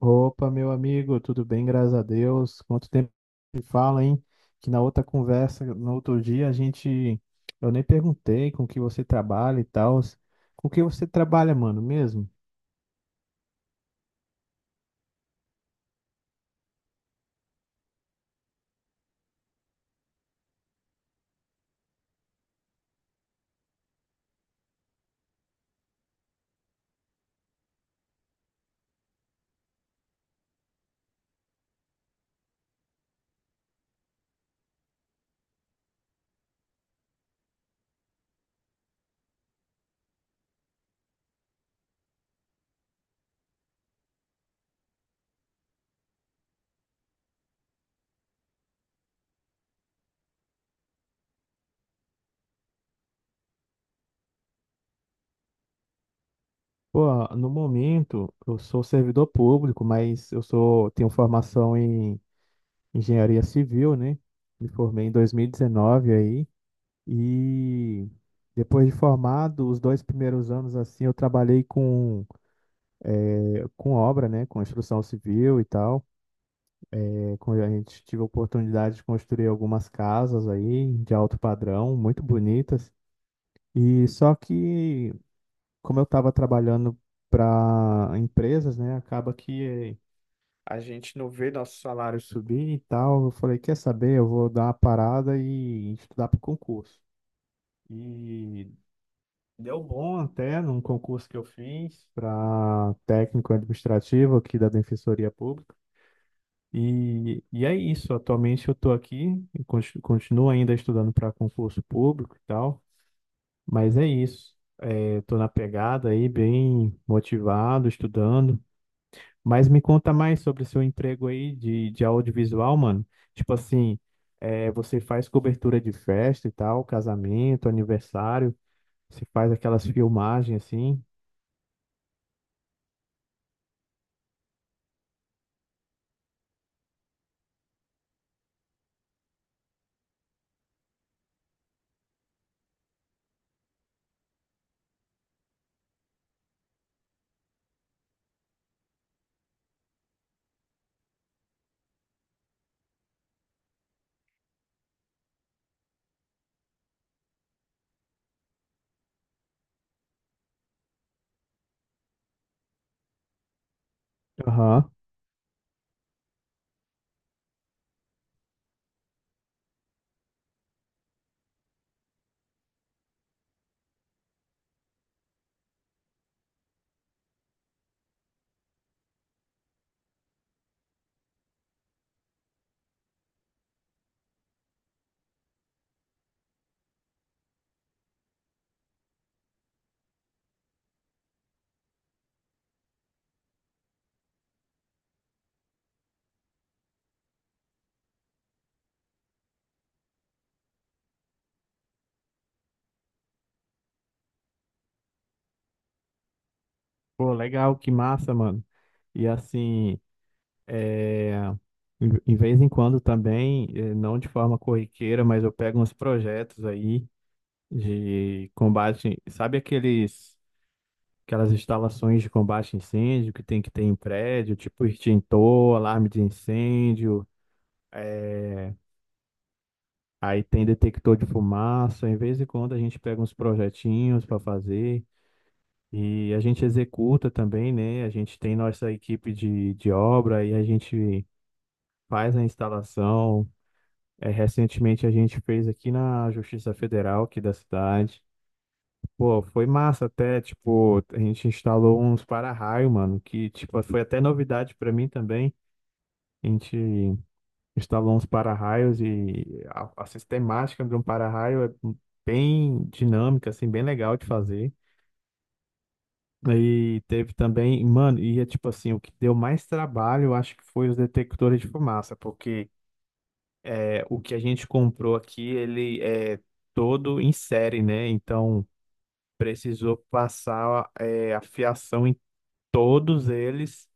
Opa, meu amigo, tudo bem? Graças a Deus. Quanto tempo se fala, hein? Que na outra conversa, no outro dia, a gente. Eu nem perguntei com que você trabalha e tal. Com que você trabalha, mano, mesmo? Pô, no momento, eu sou servidor público, mas eu sou... tenho formação em engenharia civil, né? Me formei em 2019 aí. E depois de formado, os dois primeiros anos, assim, eu trabalhei com, com obra, né? Com construção civil e tal. Quando a gente tive a oportunidade de construir algumas casas aí de alto padrão, muito bonitas. E só que, como eu estava trabalhando para empresas, né, acaba que a gente não vê nosso salário subir e tal. Eu falei, quer saber? Eu vou dar uma parada e estudar para o concurso. E deu bom até num concurso que eu fiz para técnico administrativo aqui da Defensoria Pública. E é isso. Atualmente eu estou aqui, continuo ainda estudando para concurso público e tal, mas é isso. Estou na pegada aí, bem motivado, estudando. Mas me conta mais sobre seu emprego aí de audiovisual, mano. Tipo assim, é, você faz cobertura de festa e tal, casamento, aniversário, você faz aquelas filmagens assim. Aham. Pô, legal, que massa, mano. E assim. É, em em vez em quando também, não de forma corriqueira, mas eu pego uns projetos aí de combate, sabe aqueles, aquelas instalações de combate a incêndio que tem que ter em prédio, tipo extintor, alarme de incêndio, eh, aí tem detector de fumaça. Em vez em quando a gente pega uns projetinhos para fazer e a gente executa também, né? A gente tem nossa equipe de obra e a gente faz a instalação. É, recentemente a gente fez aqui na Justiça Federal aqui da cidade. Pô, foi massa até, tipo, a gente instalou uns para-raio, mano, que tipo foi até novidade pra mim também. A gente instalou uns para-raios e a sistemática de um para-raio é bem dinâmica, assim, bem legal de fazer. E teve também, mano, e é tipo assim, o que deu mais trabalho, eu acho que foi os detectores de fumaça, porque é, o que a gente comprou aqui, ele é todo em série, né? Então, precisou passar é, a fiação em todos eles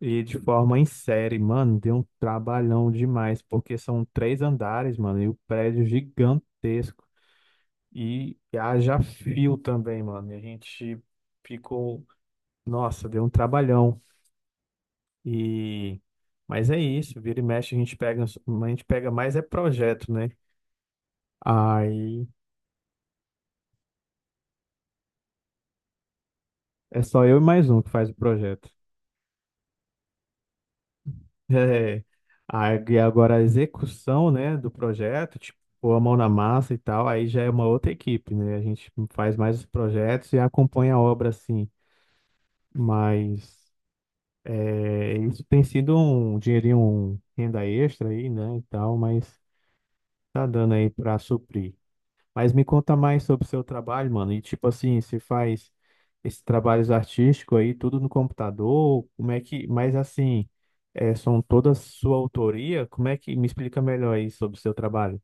e de forma em série. Mano, deu um trabalhão demais, porque são 3 andares, mano, e o prédio gigantesco. E haja fio também, mano. E a gente ficou... Nossa, deu um trabalhão. E... mas é isso, vira e mexe, a gente pega mais é projeto, né? Aí é só eu e mais um que faz o projeto. É. Aí e agora a execução, né, do projeto, tipo, pôr a mão na massa e tal, aí já é uma outra equipe, né? A gente faz mais os projetos e acompanha a obra assim. Mas é, isso tem sido um dinheirinho, um renda extra aí, né, e tal, mas tá dando aí para suprir. Mas me conta mais sobre o seu trabalho, mano. E tipo assim, você faz esses trabalhos artísticos aí, tudo no computador? Como é que. Mas assim, é, são todas sua autoria? Como é que. Me explica melhor aí sobre o seu trabalho.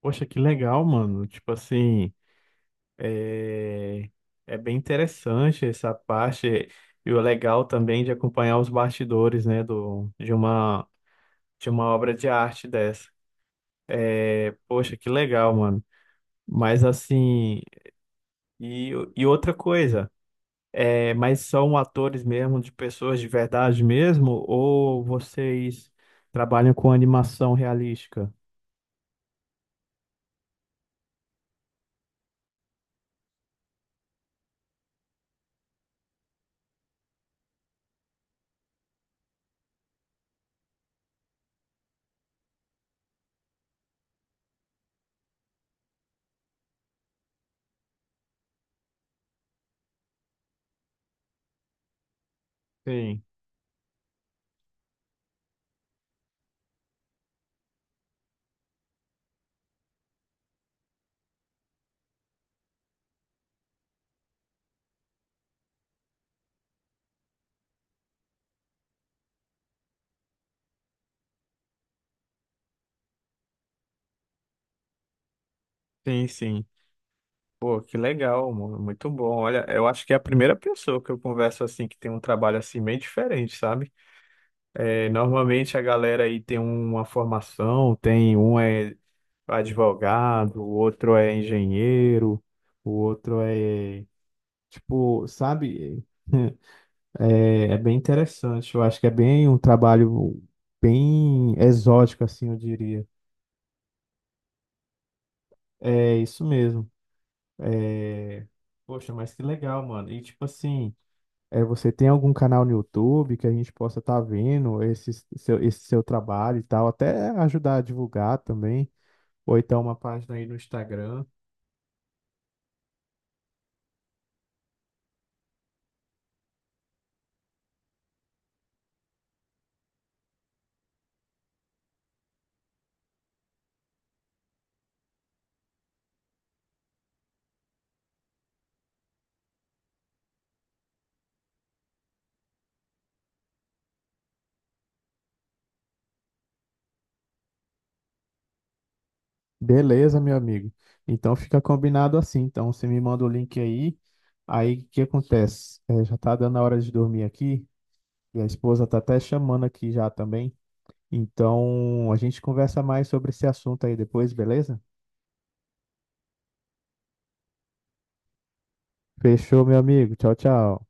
Poxa, que legal, mano. Tipo assim, é, é bem interessante essa parte. E o legal também de acompanhar os bastidores, né, do... de uma obra de arte dessa. É, poxa, que legal, mano. Mas assim. E outra coisa. É, mas são atores mesmo, de pessoas de verdade mesmo, ou vocês trabalham com animação realística? Sim, sim, sim. Pô, que legal, mano. Muito bom. Olha, eu acho que é a primeira pessoa que eu converso assim que tem um trabalho assim meio diferente, sabe? É, normalmente a galera aí tem uma formação, tem um é advogado, o outro é engenheiro, o outro é tipo, sabe? É, é bem interessante. Eu acho que é bem um trabalho bem exótico, assim, eu diria. É isso mesmo. É... poxa, mas que legal, mano. E tipo assim, é, você tem algum canal no YouTube que a gente possa estar vendo esse seu trabalho e tal, até ajudar a divulgar também, ou então uma página aí no Instagram. Beleza, meu amigo. Então fica combinado assim. Então você me manda o link aí. Aí o que acontece? É, já tá dando a hora de dormir aqui. E a esposa tá até chamando aqui já também. Então, a gente conversa mais sobre esse assunto aí depois, beleza? Fechou, meu amigo. Tchau, tchau.